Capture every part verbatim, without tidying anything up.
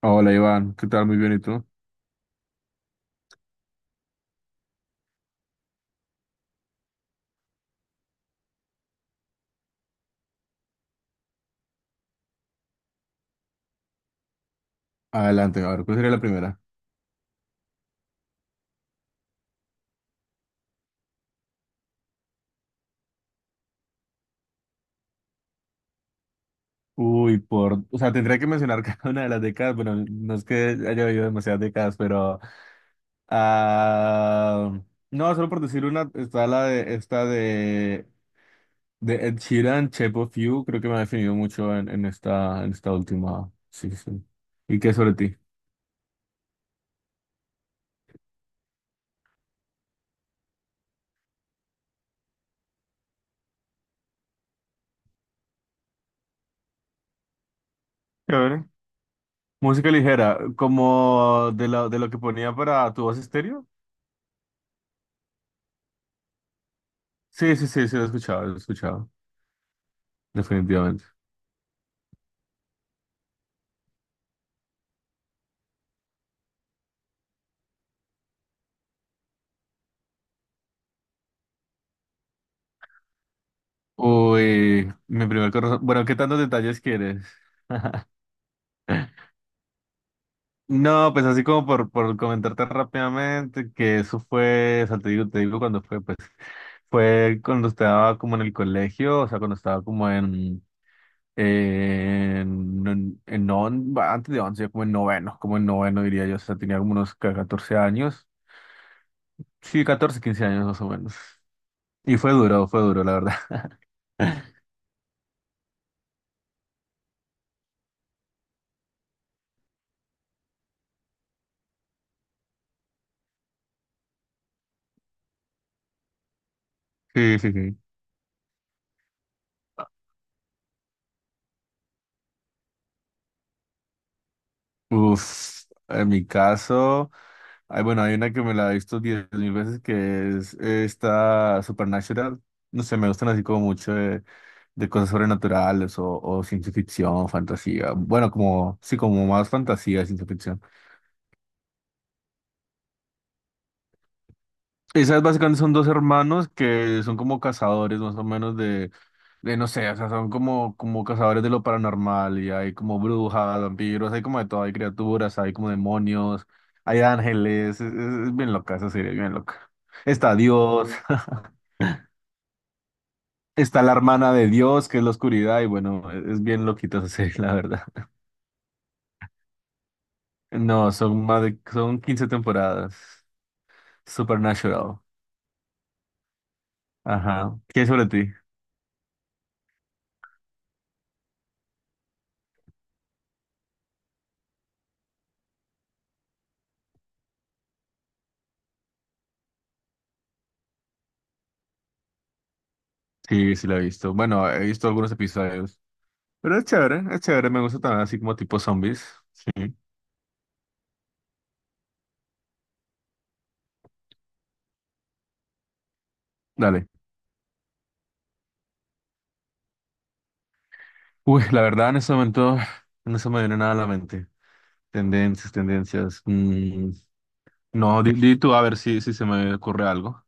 Hola Iván, ¿qué tal? Muy bien, ¿y tú? Adelante, a ver, ¿cuál sería la primera? Uy, por, o sea, tendría que mencionar cada una de las décadas. Bueno, no es que haya habido demasiadas décadas, pero, ah, no, solo por decir una, está la de, esta de, de Ed Sheeran, Shape of You, creo que me ha definido mucho en, en esta, en esta última, sí, sí. Sí. ¿Y qué sobre ti? A ver. Música ligera, como de lo, de lo que ponía para tu voz estéreo. Sí, sí, sí, sí, lo he escuchado, lo he escuchado, definitivamente. Uy, mi primer corazón. Bueno, ¿qué tantos detalles quieres? No, pues así como por, por comentarte rápidamente, que eso fue, o sea, te digo, te digo cuando fue, pues, fue cuando estaba como en el colegio, o sea, cuando estaba como en, en, en, en non- antes de once, como en noveno, como en noveno diría yo, o sea, tenía como unos ca- catorce años, sí, catorce quince años más o menos. Y fue duro, fue duro, la verdad. Sí, sí, sí. Uf, en mi caso, hay, bueno, hay una que me la he visto diez mil veces, que es esta Supernatural. No sé, me gustan así como mucho de, de cosas sobrenaturales o, o ciencia ficción, fantasía. Bueno, como, sí, como más fantasía, ciencia ficción. Esas básicamente son dos hermanos que son como cazadores más o menos de, de no sé, o sea, son como, como cazadores de lo paranormal, y hay como brujas, vampiros, hay como de todo, hay criaturas, hay como demonios, hay ángeles, es, es- es bien loca esa serie, bien loca. Está Dios, está la hermana de Dios, que es la oscuridad, y bueno, es, es bien loquita esa serie, la verdad. No, son más de, son quince temporadas. Supernatural. Ajá. ¿Qué es sobre ti? Sí, sí la he visto. Bueno, he visto algunos episodios. Pero es chévere, es chévere, me gusta también así como tipo zombies. Sí. Dale. Uy, la verdad en ese momento no se me viene nada a la mente. Tendencias, tendencias. Mm, no, di, di tú a ver si, si se me ocurre algo.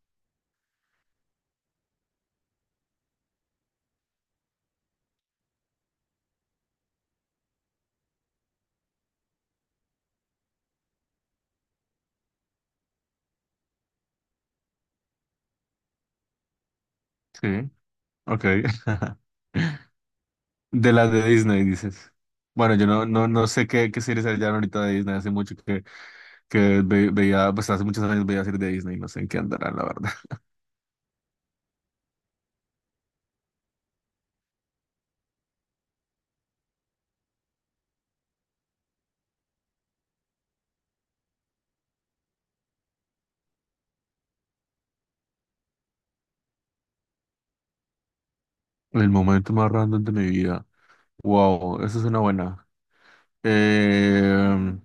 Sí, ok. De las de Disney, dices. Bueno, yo no, no, no sé qué, qué series hayan ahorita de Disney. Hace mucho que, que ve- veía, pues hace muchos años veía series de Disney. No sé en qué andarán, la verdad. El momento más random de mi vida. Wow, esa es una buena. Eh,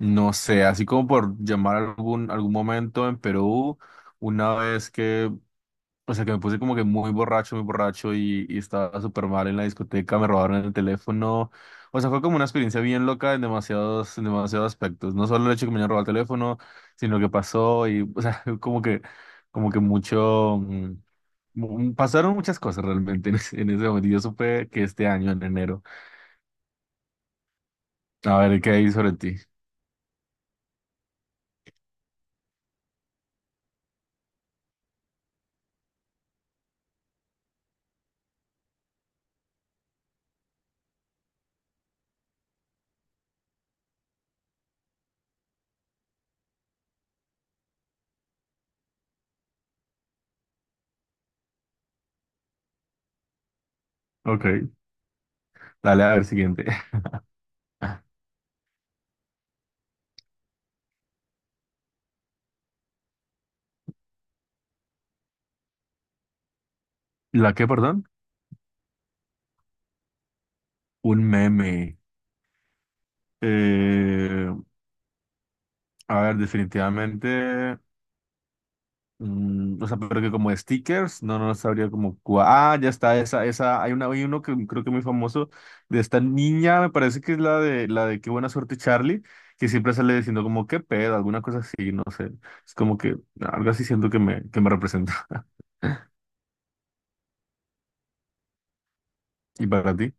No sé, así como por llamar algún, algún momento en Perú, una vez que, o sea, que me puse como que muy borracho, muy borracho y, y estaba súper mal en la discoteca, me robaron el teléfono. O sea, fue como una experiencia bien loca en demasiados, en demasiados aspectos. No solo el hecho de que me hayan robado el teléfono, sino que pasó y, o sea, como que, como que mucho, mm, mu- pasaron muchas cosas realmente en ese, en ese momento. Yo supe que este año, en enero. A ver, ¿qué hay sobre ti? Ok. Dale, a ver, siguiente. ¿La qué, perdón? Un meme. Eh, a ver, definitivamente. Mm, o sea, pero que como stickers, no, no sabría como. Cua- ah, ya está, esa, esa. Hay una, hay uno que creo que es muy famoso, de esta niña, me parece que es la de la de Qué buena suerte, Charlie, que siempre sale diciendo como qué pedo, alguna cosa así, no sé. Es como que algo así siento que me, que me representa. ¿Y para ti?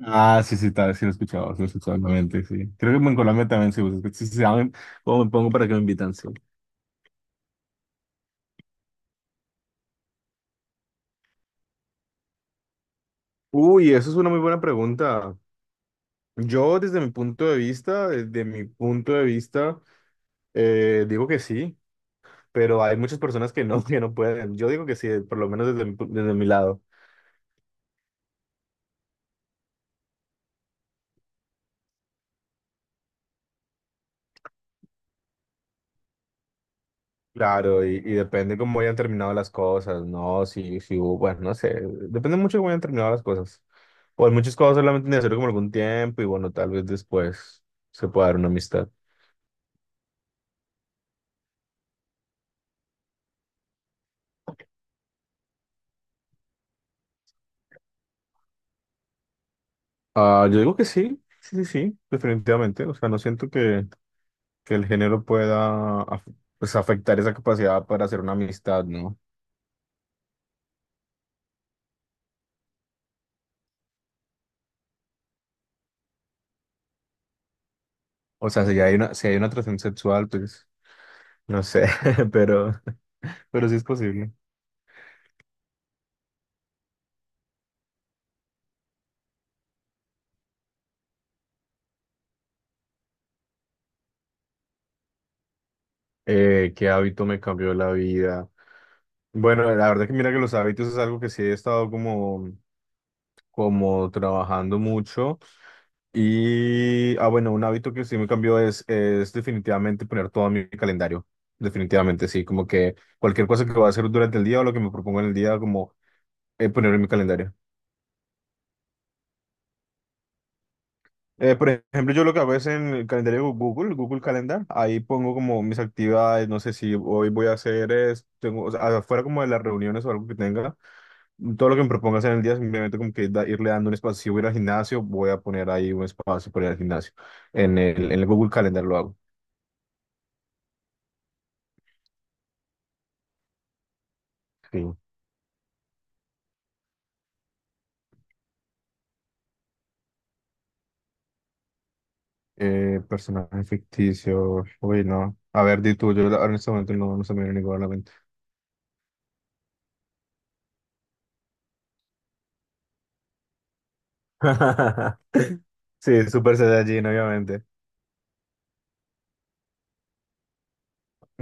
Ah, sí, sí, tal, sí lo he escuchado, sí lo he escuchado, obviamente, sí. Creo que en Colombia también se usa, es que sí, sí, saben cómo me pongo para que me invitan, sí. Uy, eso es una muy buena pregunta. Yo desde mi punto de vista, desde mi punto de vista, eh, digo que sí, pero hay muchas personas que no, que no pueden. Yo digo que sí, por lo menos desde mi, pu- desde mi lado. Claro, y, y depende cómo hayan terminado las cosas, ¿no? Si, si hubo, bueno, no sé, depende mucho de cómo hayan terminado las cosas. O hay muchas cosas solamente necesario como algún tiempo, y bueno, tal vez después se pueda dar una amistad. Ah, yo digo que sí, sí, sí, sí, definitivamente. O sea, no siento que... que el género pueda af- pues, afectar esa capacidad para hacer una amistad, ¿no? O sea, si hay una, si hay una atracción sexual, pues no sé, pero, pero sí es posible. Eh, ¿qué hábito me cambió la vida? Bueno, la verdad que mira que los hábitos es algo que sí he estado como, como trabajando mucho. Y, ah, bueno, un hábito que sí me cambió es, es definitivamente poner todo en mi calendario. Definitivamente, sí, como que cualquier cosa que voy a hacer durante el día o lo que me propongo en el día, como eh, ponerlo en mi calendario. Eh, por ejemplo, yo lo que hago es en el calendario de Google, Google Calendar, ahí pongo como mis actividades, no sé si hoy voy a hacer es, tengo, o sea, afuera como de las reuniones o algo que tenga, todo lo que me proponga hacer en el día, simplemente como que da- irle dando un espacio, si voy a ir al gimnasio, voy a poner ahí un espacio para ir al gimnasio, en el, en el Google Calendar lo hago. Sí. Eh, personaje ficticio, uy, no, a ver, di tú, yo ahora en este momento no, no se me viene ninguna a la mente. Sí, Super Saiyajin, obviamente.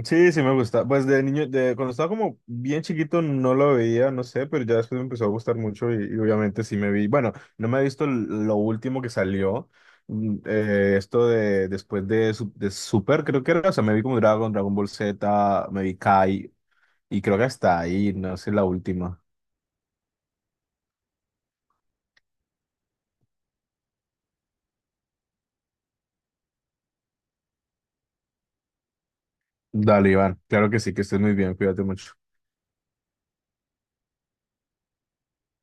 Sí, sí me gusta. Pues de niño, de, cuando estaba como bien chiquito no lo veía, no sé, pero ya después me empezó a gustar mucho y, y obviamente sí me vi. Bueno, no me he visto l- lo último que salió, mm, eh, esto de después de, Su- de Super, creo que era, o sea, me vi como Dragon, Dragon Ball Z, me vi Kai, y creo que hasta ahí, no sé, la última. Dale, Iván, claro que sí, que estés muy bien, cuídate mucho.